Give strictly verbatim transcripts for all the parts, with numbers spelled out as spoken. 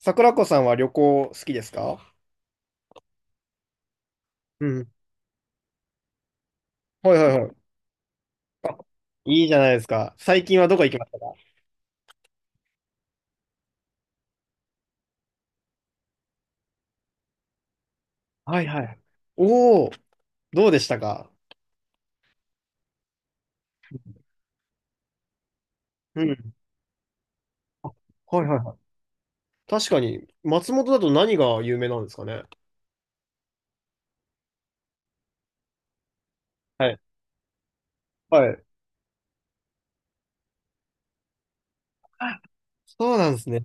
桜子さんは旅行好きですか？うん。はいはいはい。いいじゃないですか。最近はどこ行きましたか？はいはい。おおー、どうでしたか？うん。あ、はいはいはい。確かに、松本だと何が有名なんですかね？はい。はい。あ、そうなんですね。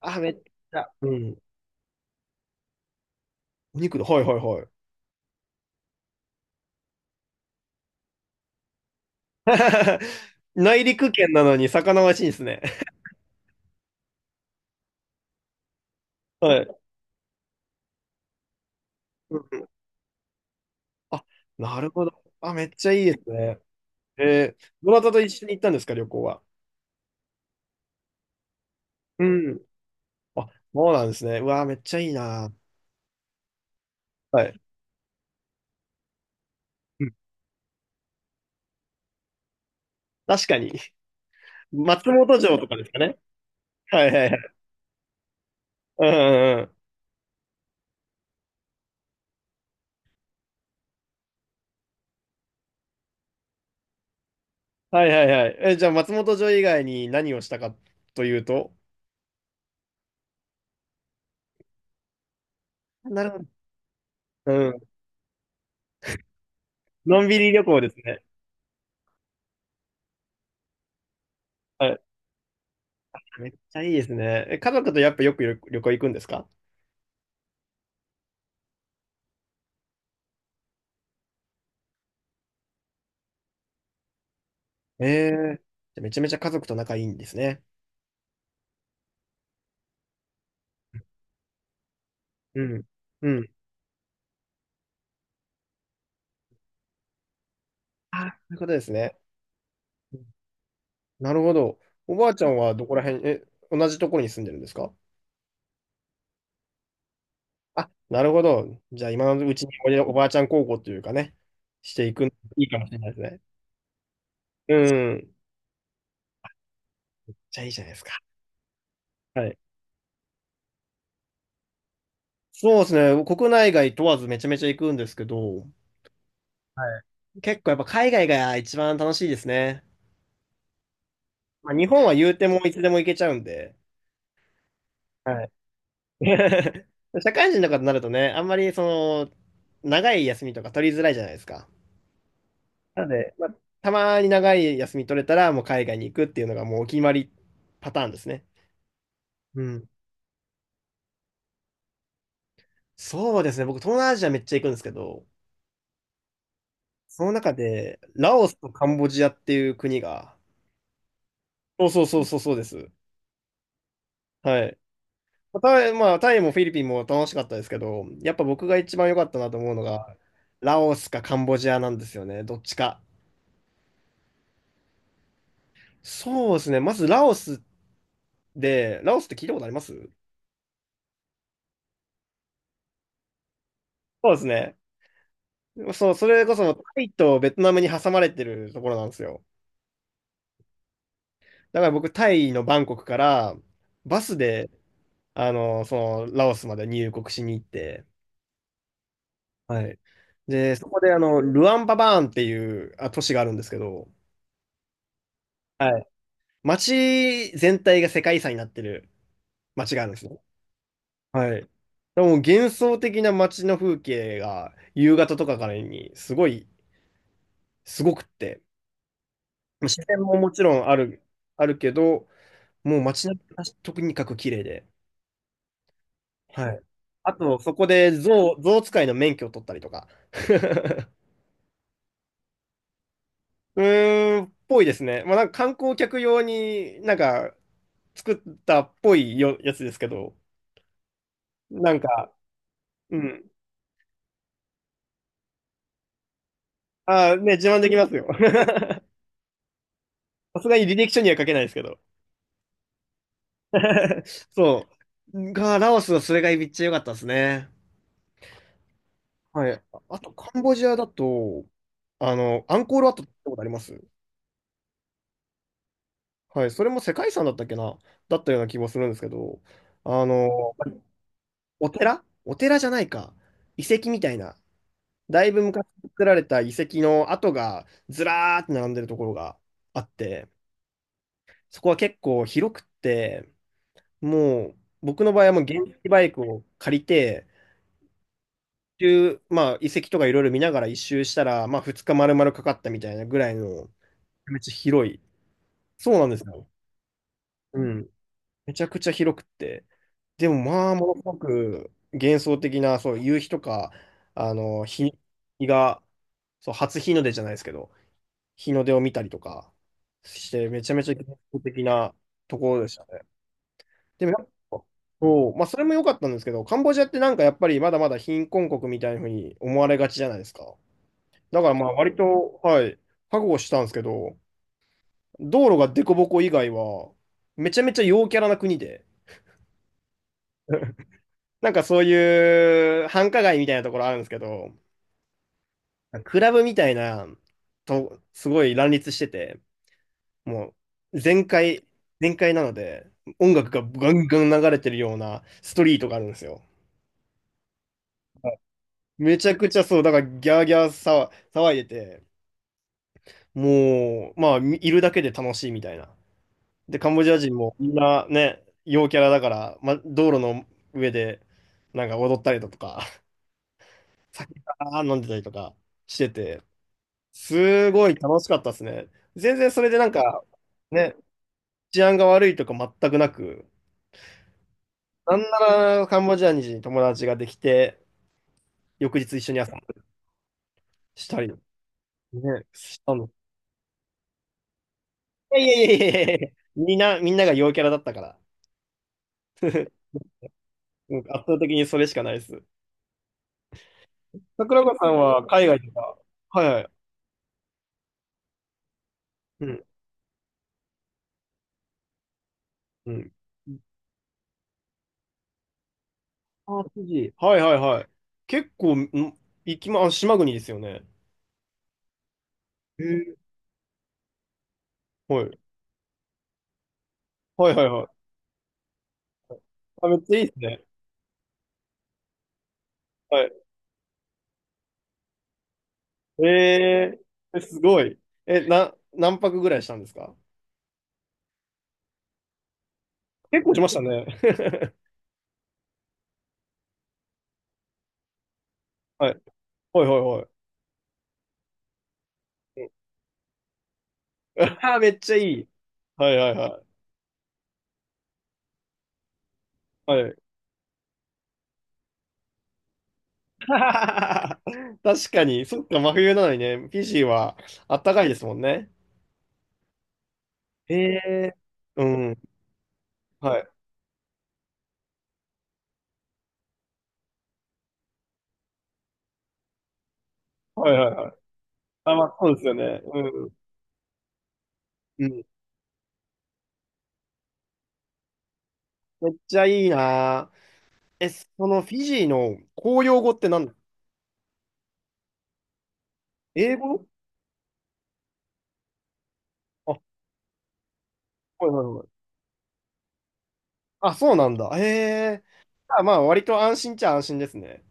あ、めっちゃ。うん。お肉だ。はいはいはい。内陸圏なのに魚美味しいんですね。はい。うん。あ、なるほど。あ、めっちゃいいですね。えー、どなたと一緒に行ったんですか、旅行は。うん。あ、そうなんですね。うわー、めっちゃいいな。はい。うん。確かに。松本城とかですかね。はいはいはい。うんうんうん。はいはいはい。え、じゃあ松本城以外に何をしたかというと、なるほど。うん。のんびり旅行ですね。はい。めっちゃいいですね。え、家族とやっぱよく旅旅行行くんですか？ええー。じゃあめちゃめちゃ家族と仲いいんですね。うん。うん。あ、そういうことですね。なるほど。おばあちゃんはどこら辺、え、同じところに住んでるんですか？あ、なるほど。じゃあ今のうちにおやおばあちゃん孝行というかね、していくのいいかもしれないですね。うん。じゃあいいじゃないですか。はい。そうですね。国内外問わずめちゃめちゃ行くんですけど、はい。結構やっぱ海外が一番楽しいですね。まあ、日本は言うてもいつでも行けちゃうんで。はい。社会人とかになるとね、あんまりその、長い休みとか取りづらいじゃないですか。なので、まあ、たまに長い休み取れたらもう海外に行くっていうのがもうお決まりパターンですね。うん。そうですね。僕、東南アジアめっちゃ行くんですけど、その中で、ラオスとカンボジアっていう国が、そうそうそうそうそうです。はい。タイ、まあ、タイもフィリピンも楽しかったですけど、やっぱ僕が一番良かったなと思うのが、ラオスかカンボジアなんですよね。どっちか。そうですね。まずラオスで、ラオスって聞いたことあります？そうですね。そう、それこそタイとベトナムに挟まれてるところなんですよ。だから僕、タイのバンコクからバスであの、その、ラオスまで入国しに行って、はい。で、そこで、あの、ルアンパバーンっていうあ都市があるんですけど、はい。街全体が世界遺産になってる街があるんですね。はい。でも幻想的な街の風景が夕方とかからにすごい、すごくって、自然ももちろんある、あるけど、もう街並みがとにかく綺麗で、はい。あとそこで象、象使いの免許を取ったりとか。うーん、ぽいですね。まあ、なんか観光客用になんか作ったっぽいよ、やつですけど、なんか、うん。ああ、ね、自慢できますよ。さすがに履歴書には書けないですけど。そう。が、ラオスはそれがめっちゃ良かったですね。はい。あと、カンボジアだと、あの、アンコールワットってことあります？はい。それも世界遺産だったっけな、だったような気もするんですけど、あの、お寺お寺じゃないか。遺跡みたいな。だいぶ昔作られた遺跡の跡がずらーって並んでるところがあって、そこは結構広くって、もう僕の場合はもう原付バイクを借りて、一周まあ、遺跡とかいろいろ見ながら一周したら、まあ、ふつか丸々かかったみたいなぐらいの、めっちゃ広い。そうなんですよ。うん。めちゃくちゃ広くって。でもまあ、ものすごく幻想的な、そう、夕日とか、あの、日日が、そう、初日の出じゃないですけど、日の出を見たりとかして、めちゃめちゃ幻想的なところでしたね。でもやっぱ、そう、まあ、それも良かったんですけど、カンボジアってなんかやっぱりまだまだ貧困国みたいなふうに思われがちじゃないですか。だからまあ割と、はい、覚悟したんですけど、道路が凸凹以外は、めちゃめちゃ陽キャラな国で、なんかそういう繁華街みたいなところあるんですけど、クラブみたいな、と、すごい乱立してて、もう全開、全開なので、音楽がガンガン流れてるようなストリートがあるんですよ。めちゃくちゃそう、だからギャーギャー騒騒いでて、もう、まあ、いるだけで楽しいみたいな。で、カンボジア人もみんなね、陽キャラだから、ま、道路の上でなんか踊ったりだとか、あー飲んでたりとかしてて、すごい楽しかったですね。全然それでなんか、ね、治安が悪いとか全くなく、なんならカンボジアに友達ができて、翌日一緒に遊んだりしたり、ね、したの。いやいやいやいやいや、みんな、みんなが陽キャラだったから、うん圧倒的にそれしかないです。桜子さんは海外とか、はいはい、うん、うん。あ、富士。はいはいはい。結構、ん、行きま、あ、島国ですよね。へえ。はい。はいはいはい。あ、めっちゃいいですね。はい。えー、えすごい。え、な、何泊ぐらいしたんですか？結構しましたね。はい。はいはいはい。ああ、めっちゃいい。はいはいはい。はい。確かに、そっか、真冬なのにね、フィジーはあったかいですもんね。へえ。うん。はい。はいはいはい。あ、まあ、そうですよね。うん。うん。めっちゃいいなぁ。え、そのフィジーの公用語って何だ？英語、あ、はいはいはい。あ、そうなんだ。へえ。あ、まあ、割と安心っちゃ安心ですね。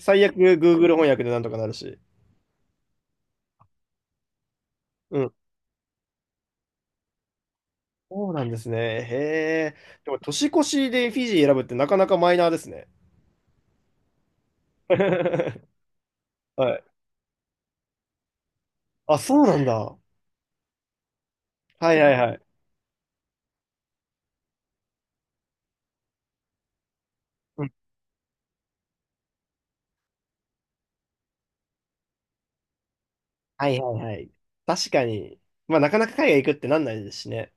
最悪、Google 翻訳でなんとかなるし。うん。そうなんですね。へえ。でも、年越しでフィジー選ぶってなかなかマイナーですね。はい。あ、そうなんだ。はいはいはい。うん。はいはいはい。確かに。まあ、なかなか海外行くってなんないですしね。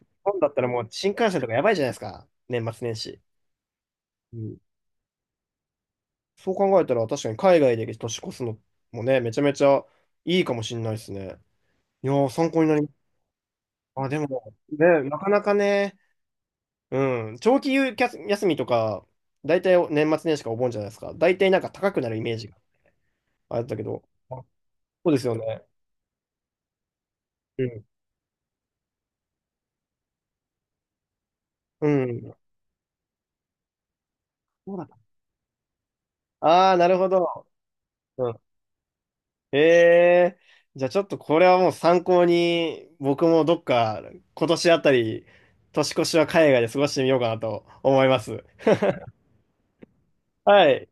日本だったらもう新幹線とかやばいじゃないですか。年末年始。うん。そう考えたら、確かに海外で年越すのもね、めちゃめちゃいいかもしれないですね。いやー、参考になります。あ、でも、ね、なかなかね、うん。長期休休みとか、大体年末年始かお盆じゃないですか。大体なんか高くなるイメージがあったけど。あ、そうですよね。うん。うん。そうだった？ああ、なるほど。うん。ええー、じゃあちょっとこれはもう参考に、僕もどっか今年あたり、年越しは海外で過ごしてみようかなと思います。はい。